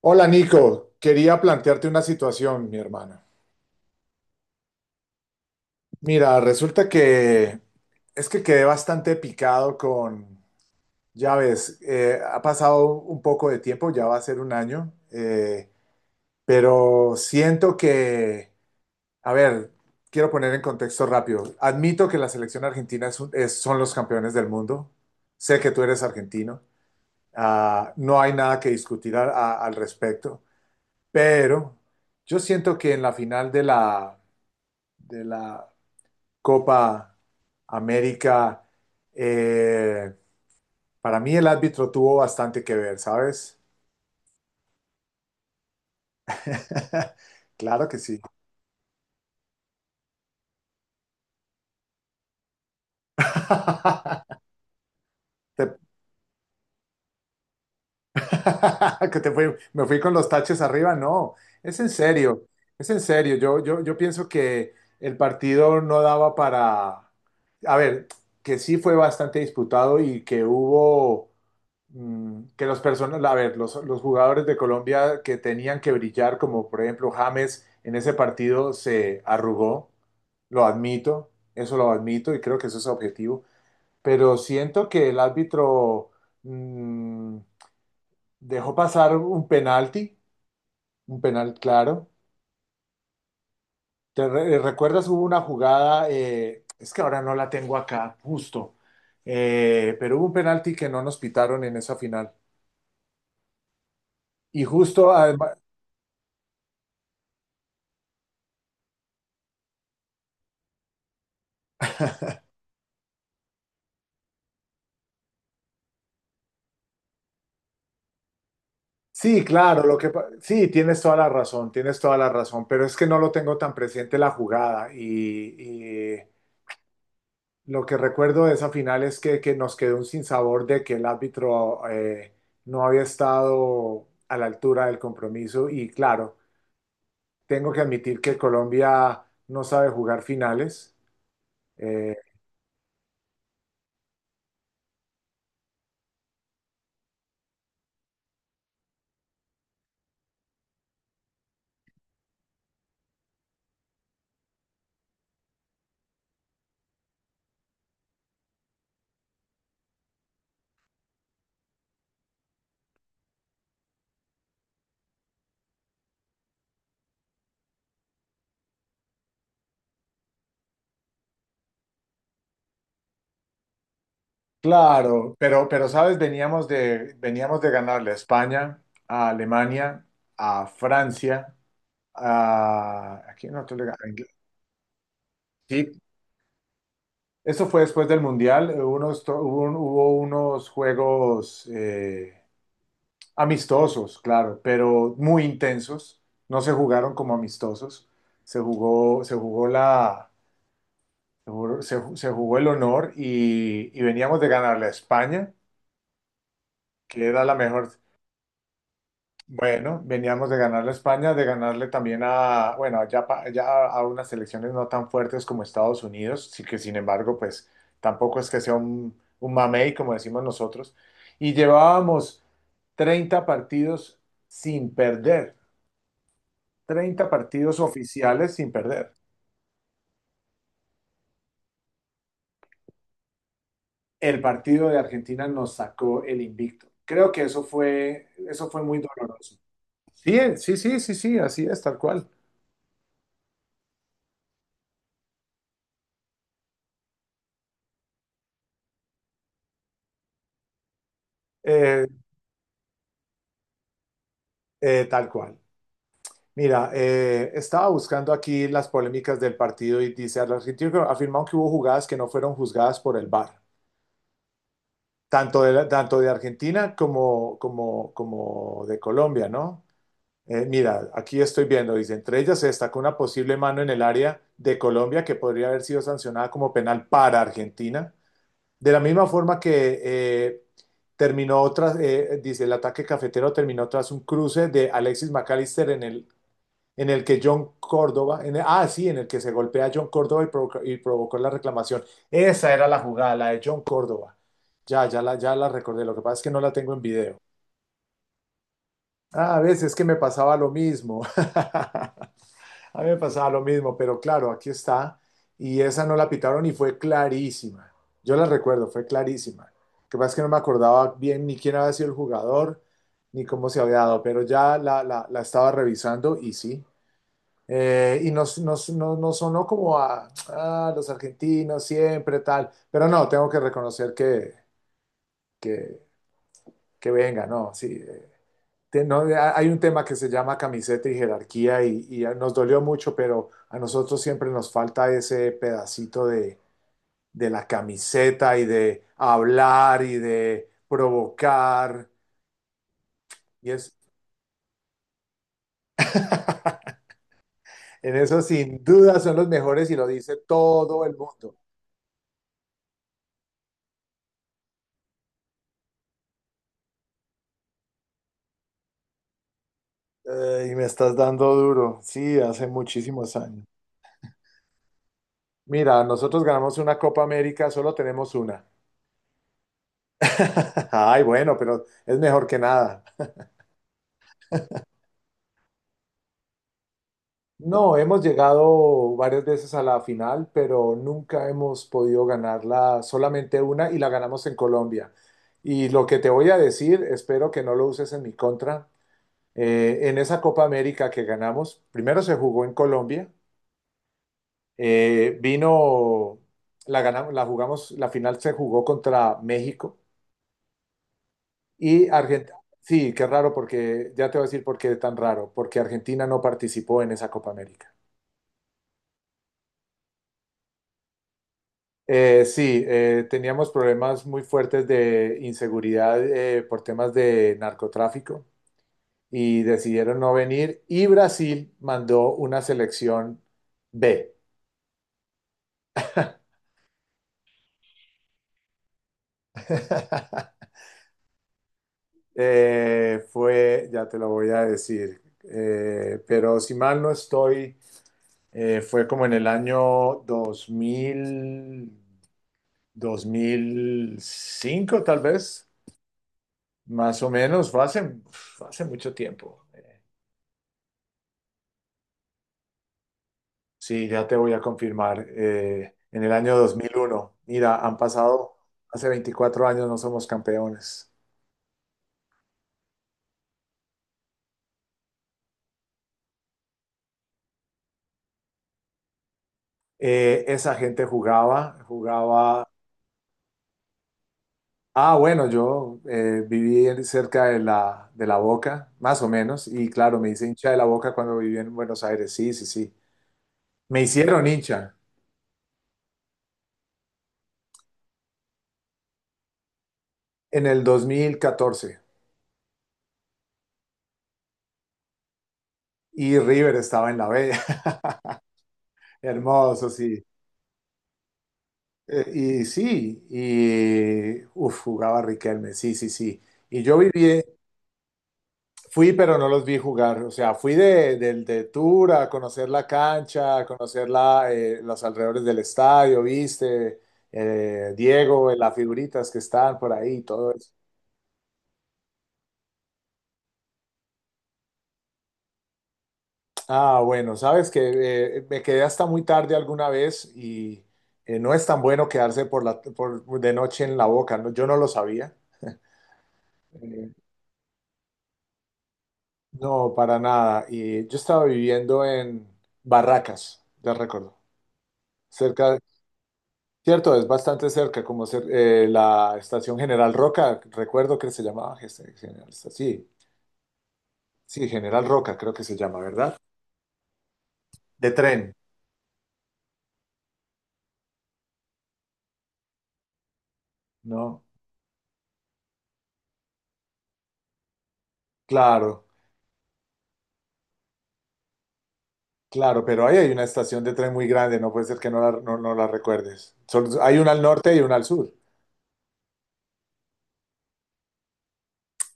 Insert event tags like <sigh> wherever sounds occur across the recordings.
Hola Nico, quería plantearte una situación, mi hermana. Mira, resulta que es que quedé bastante picado con, ya ves, ha pasado un poco de tiempo, ya va a ser un año, pero siento que, a ver, quiero poner en contexto rápido. Admito que la selección argentina son los campeones del mundo. Sé que tú eres argentino. Ah, no hay nada que discutir al respecto, pero yo siento que en la final de la Copa América, eh, para mí el árbitro tuvo bastante que ver, ¿sabes? <laughs> Claro que sí. <laughs> Te- <laughs> me fui con los taches arriba, no, es en serio, es en serio. Yo pienso que el partido no daba para, a ver, que sí fue bastante disputado y que hubo que las personas, a ver, los jugadores de Colombia que tenían que brillar, como por ejemplo James, en ese partido se arrugó, lo admito, eso lo admito y creo que eso es objetivo, pero siento que el árbitro mm, dejó pasar un penalti, un penal claro. ¿ recuerdas? Hubo una jugada, es que ahora no la tengo acá, justo, pero hubo un penalti que no nos pitaron en esa final. Y justo, sí, además, sí, claro, sí, tienes toda la razón, tienes toda la razón, pero es que no lo tengo tan presente la jugada y lo que recuerdo de esa final es que nos quedó un sinsabor de que el árbitro no había estado a la altura del compromiso y claro, tengo que admitir que Colombia no sabe jugar finales. eh, claro, pero sabes, veníamos de ganarle a España, a Alemania, a Francia. A, aquí nosotros le ganamos a Ingl- sí, eso fue después del Mundial. Unos, to- hubo, un- hubo unos juegos amistosos, claro, pero muy intensos. No se jugaron como amistosos. Se jugó la, se, jugó se ju- se jugó el honor y veníamos de ganarle a España, que era la mejor. Bueno, veníamos de ganarle a España, de ganarle también a, bueno, ya a unas selecciones no tan fuertes como Estados Unidos, sí que sin embargo, pues tampoco es que sea un mamey, como decimos nosotros. Y llevábamos 30 partidos sin perder, 30 partidos oficiales sin perder. El partido de Argentina nos sacó el invicto. Creo que eso fue muy doloroso. Sí, sí, sí, sí, sí, así es, tal cual. Eh, tal cual. Mira, estaba buscando aquí las polémicas del partido y dice, el argentino afirmó que hubo jugadas que no fueron juzgadas por el VAR, tanto de Argentina como de Colombia, ¿no? Mira, aquí estoy viendo, dice, entre ellas se destacó una posible mano en el área de Colombia que podría haber sido sancionada como penal para Argentina, de la misma forma que terminó tras, dice, el ataque cafetero terminó tras un cruce de Alexis McAllister en el que John Córdoba, en el- ah, sí, en el que se golpea a John Córdoba y provocó la reclamación. Esa era la jugada, la de John Córdoba. Ya la recordé. Lo que pasa es que no la tengo en video. Ah, a veces que me pasaba lo mismo. <laughs> A mí me pasaba lo mismo, pero claro, aquí está. Y esa no la pitaron y fue clarísima. Yo la recuerdo, fue clarísima. Lo que pasa es que no me acordaba bien ni quién había sido el jugador, ni cómo se había dado, pero la estaba revisando y sí, y nos, nos, no- nos sonó como a "ah, los argentinos siempre tal", pero no, tengo que reconocer que, que venga, no, sí. Te- no, hay un tema que se llama camiseta y jerarquía y nos dolió mucho, pero a nosotros siempre nos falta ese pedacito de la camiseta y de hablar y de provocar. Y es, en eso sin duda son los mejores y lo dice todo el mundo. Y me estás dando duro. Sí, hace muchísimos años. Mira, nosotros ganamos una Copa América, solo tenemos una. <laughs> Ay, bueno, pero es mejor que nada. No, hemos llegado varias veces a la final, pero nunca hemos podido ganarla, solamente una y la ganamos en Colombia. Y lo que te voy a decir, espero que no lo uses en mi contra. En esa Copa América que ganamos, primero se jugó en Colombia. Eh, vino, la ganamos, la jugamos, la final se jugó contra México y Argentina. Sí, qué raro porque, ya te voy a decir por qué es tan raro, porque Argentina no participó en esa Copa América. Sí, teníamos problemas muy fuertes de inseguridad por temas de narcotráfico y decidieron no venir y Brasil mandó una selección B. <laughs> Ya te lo voy a decir, pero si mal no estoy, fue como en el año 2000, 2005 tal vez, más o menos, fue hace mucho tiempo. Sí, ya te voy a confirmar, en el año 2001. Mira, han pasado, hace 24 años no somos campeones. Esa gente jugaba, jugaba. Ah, bueno, yo cerca de la Boca, más o menos, y claro, me hice hincha de la Boca cuando viví en Buenos Aires, sí, sí, sí. Me hicieron hincha en el 2014 y River estaba en la B. <laughs> Hermoso, sí. Y sí, y uf, jugaba Riquelme, sí, sí, sí. Y yo viví fui, pero no los vi jugar. O sea, de tour a conocer la cancha, a conocer la, los alrededores del estadio, viste. Diego, las figuritas que están por ahí, todo eso. Ah, bueno, sabes que me quedé hasta muy tarde alguna vez y no es tan bueno quedarse por, de noche en la Boca, ¿no? Yo no lo sabía. Eh, no, para nada. Y yo estaba viviendo en Barracas, ya recuerdo, cerca. Cierto, es bastante cerca, la estación General Roca, recuerdo que se llamaba General, este, sí, sí, General Roca creo que se llama, ¿verdad? De tren, ¿no? Claro, claro, pero ahí hay una estación de tren muy grande, no puede ser que no la recuerdes. Hay una al norte y una al sur.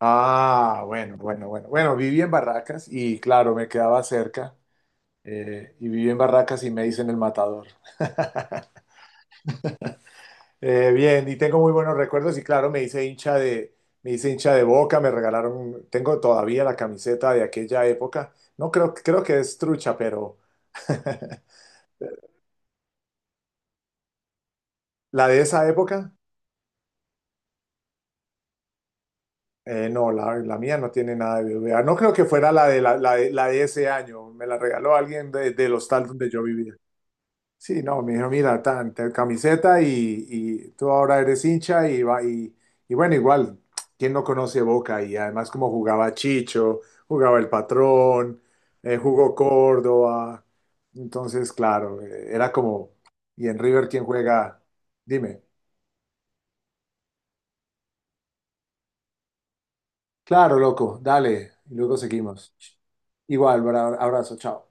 Ah, bueno, bueno, bueno. Bueno, viví en Barracas y claro, me quedaba cerca, y viví en Barracas y me hice en el Matador. Bien, y tengo muy buenos recuerdos y claro, me hice hincha de Boca, me regalaron, tengo todavía la camiseta de aquella época. No creo, creo que es trucha, pero <laughs> la de esa época, la mía no tiene nada de BBVA. No creo que fuera la de ese año, me la regaló alguien de, del hostal donde yo vivía. Sí, no, me dijo, mira, camiseta y tú ahora eres hincha y bueno, igual, ¿quién no conoce Boca? Y además como jugaba Chicho, jugaba El Patrón, jugó Córdoba, entonces, claro, era como, ¿y en River quién juega? Dime, claro, loco, dale, y luego seguimos. Igual, abrazo, chao.